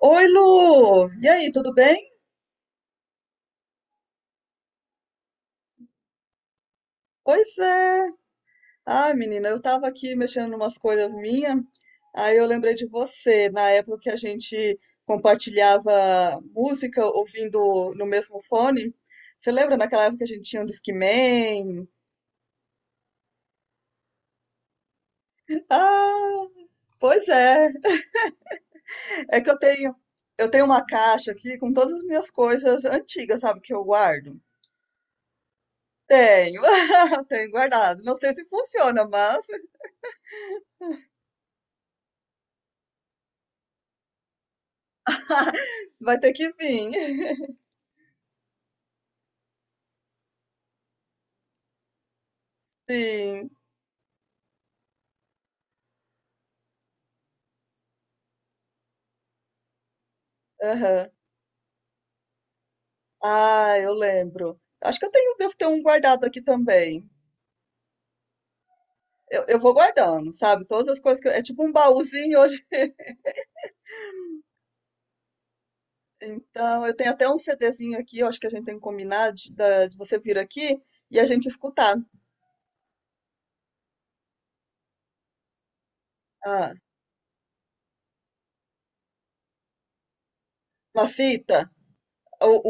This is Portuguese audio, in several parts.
Oi, Lu! E aí, tudo bem? Pois é. Ai, menina, eu tava aqui mexendo em umas coisas minhas, aí eu lembrei de você, na época que a gente compartilhava música ouvindo no mesmo fone. Você lembra naquela época que a gente tinha um Discman? Ah, pois é. É que eu tenho uma caixa aqui com todas as minhas coisas antigas, sabe, que eu guardo. Tenho, tenho guardado. Não sei se funciona, mas vai ter que vir. Sim. Aham. Ah, eu lembro. Acho que eu tenho, devo ter um guardado aqui também. Eu vou guardando, sabe? Todas as coisas é tipo um baúzinho hoje. Então, eu tenho até um CDzinho aqui, eu acho que a gente tem que combinar de você vir aqui e a gente escutar. Ah, uma fita. O,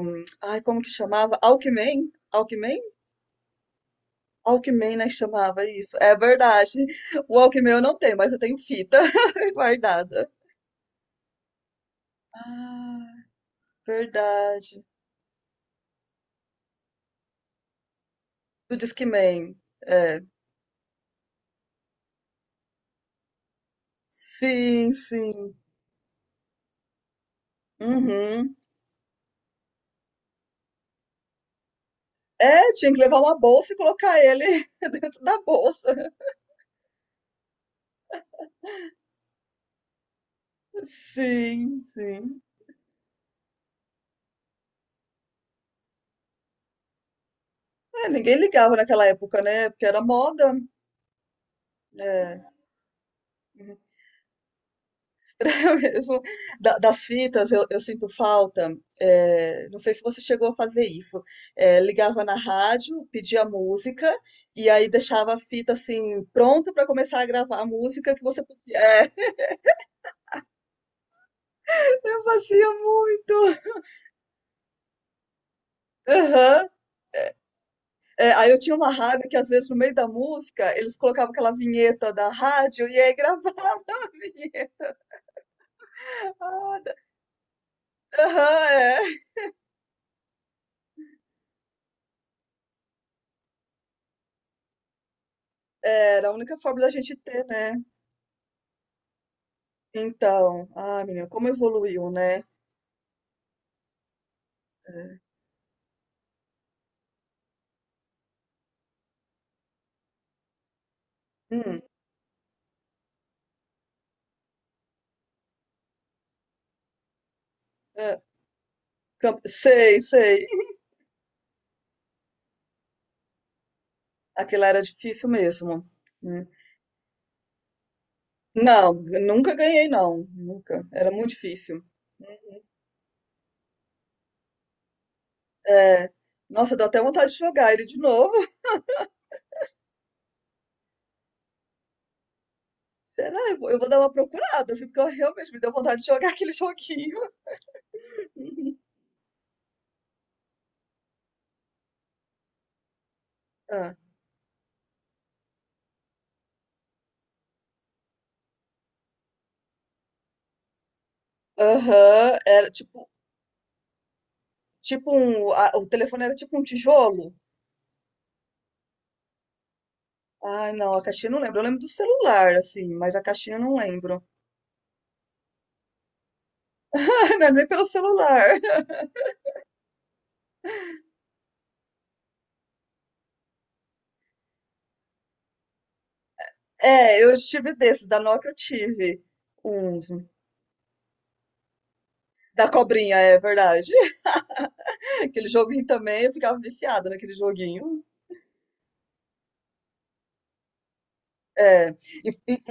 Ai, como que chamava? Alckmin? Alckmin? Alckmin, né, chamava isso. É verdade. O Alckmin eu não tenho, mas eu tenho fita guardada. Ah, verdade. Do Discman. É. Sim, sim. Uhum. É, tinha que levar uma bolsa e colocar ele dentro da bolsa. Sim, sim. É, ninguém ligava naquela época, né? Porque era moda. É. Mesmo. Das fitas, eu sinto falta. É, não sei se você chegou a fazer isso. É, ligava na rádio, pedia música, e aí deixava a fita assim, pronta para começar a gravar a música que você podia. É, eu fazia muito. Aham. É, aí eu tinha uma rádio que às vezes no meio da música eles colocavam aquela vinheta da rádio e aí gravava a vinheta. Aham, é. Era a única forma da gente ter, né? Então, ah, menina, como evoluiu, né? É. Hum, é. Sei, sei. Aquela era difícil mesmo, né? Não, nunca ganhei, não. Nunca. Era muito difícil. É. Nossa, dá até vontade de jogar ele de novo. Será? Eu vou dar uma procurada, viu? Porque eu realmente me deu vontade de jogar aquele joguinho. Ah. Aham, era tipo, tipo um, a- o telefone era tipo um tijolo. Ai, não, a caixinha eu não lembro. Eu lembro do celular, assim, mas a caixinha eu não lembro. Ai, não é nem pelo celular. É, eu tive desses, da Nokia eu tive uns. Da cobrinha, é verdade. Aquele joguinho também, eu ficava viciada naquele joguinho. É, e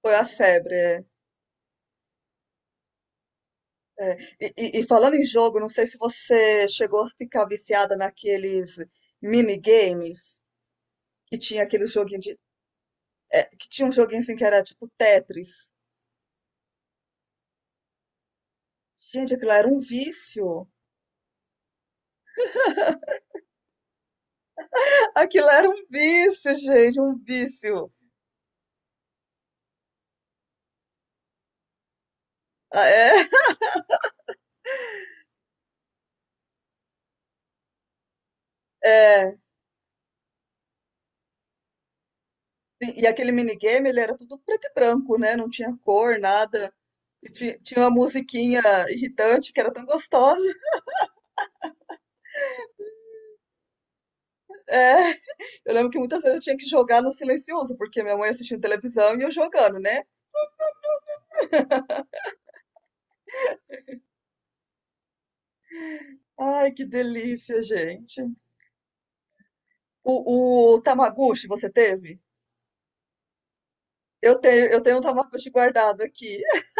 foi a febre. É, é. E falando em jogo, não sei se você chegou a ficar viciada naqueles minigames que tinha aqueles joguinhos que tinha um joguinho assim que era tipo Tetris. Gente, aquilo era um vício. Aquilo era um vício, gente, um vício. Ah, é? É. E aquele minigame, ele era tudo preto e branco, né? Não tinha cor, nada. E tinha uma musiquinha irritante que era tão gostosa. É. Eu lembro que muitas vezes eu tinha que jogar no silencioso, porque minha mãe assistindo televisão e eu jogando, né? Ai, que delícia, gente. O Tamagotchi você teve? Eu tenho um Tamagotchi guardado aqui.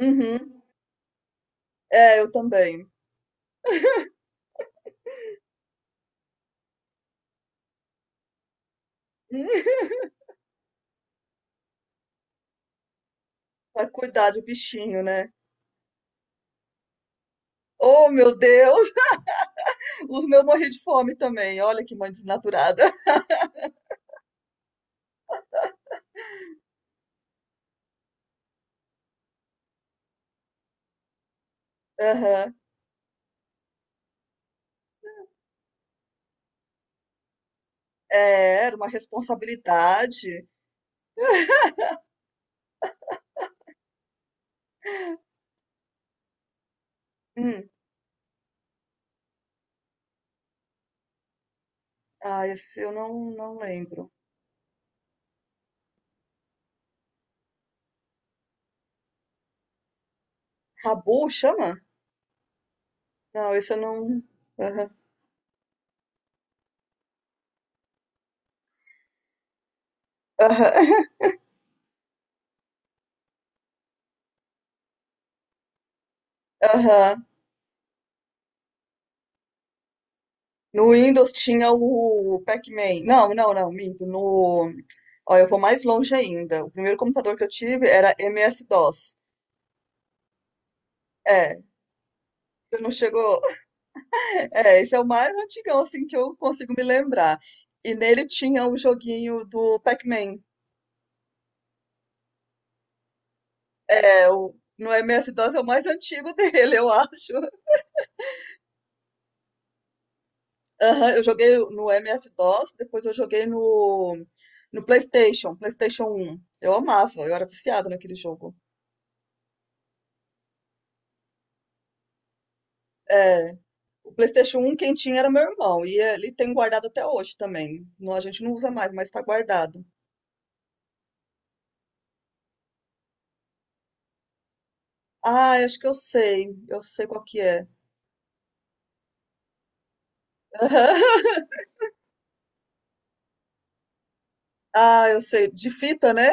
Uhum. É, eu também. Hum, pra cuidar do bichinho, né. Oh, meu Deus! Os meus morri de fome também, olha que mãe desnaturada. Aham. É, era uma responsabilidade. Hum. Ah, esse eu não não lembro. Rabu chama? Não, esse eu não aham. Aham. Aham. No Windows tinha o Pac-Man. Não, não, não, minto, no ó, eu vou mais longe ainda, o primeiro computador que eu tive era MS-DOS. É, você não chegou. É, esse é o mais antigão, assim, que eu consigo me lembrar. E nele tinha o joguinho do Pac-Man. É, no MS-DOS é o mais antigo dele, eu acho. Aham, eu joguei no MS-DOS, depois eu joguei no PlayStation, PlayStation 1. Eu amava, eu era viciada naquele jogo. É, o PlayStation 1 quem tinha era meu irmão, e ele tem guardado até hoje também. Não, a gente não usa mais, mas tá guardado. Ah, acho que eu sei qual que é. Ah, eu sei, de fita, né?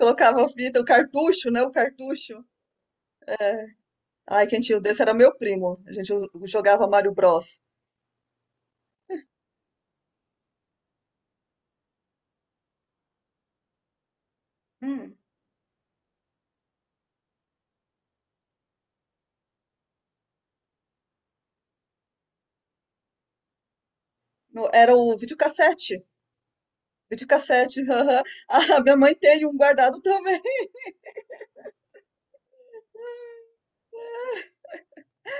Colocava a fita, o cartucho, né? O cartucho. É. Ai, quem tinha o desse era meu primo. A gente jogava Mario Bros. Hum. Era o videocassete. Videocassete. Aham. Ah, minha mãe tem um guardado também.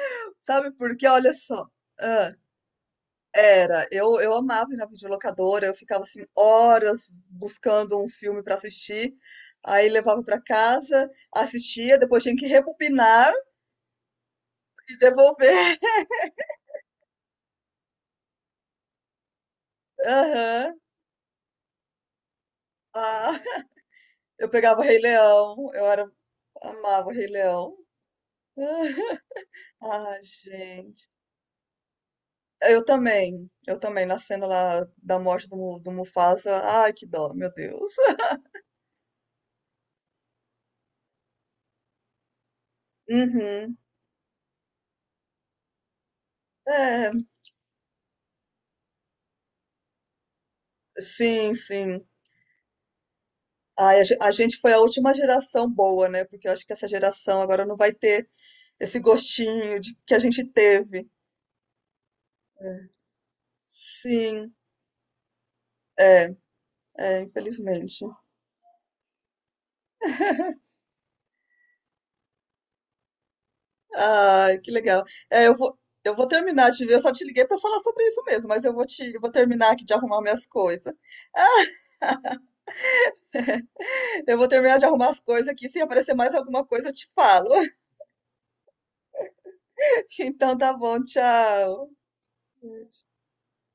Sabe por quê? Olha só. Ah, era. Eu amava ir na videolocadora. Eu ficava assim horas buscando um filme para assistir. Aí levava para casa, assistia, depois tinha que rebobinar e devolver. Aham. Ah, eu pegava Rei Leão, eu era amava Rei Leão. Ah, gente. Eu também, na cena lá da morte do Mufasa. Ai, que dó, meu Deus. Uhum. É, sim, sim. Ai, a gente foi a última geração boa, né? Porque eu acho que essa geração agora não vai ter esse gostinho que a gente teve. É, sim, é, é, infelizmente. Ai, que legal. É, eu vou terminar de ver, eu só te liguei para falar sobre isso mesmo, mas eu vou terminar aqui de arrumar minhas coisas. Eu vou terminar de arrumar as coisas aqui, se aparecer mais alguma coisa eu te falo. Então tá bom, tchau.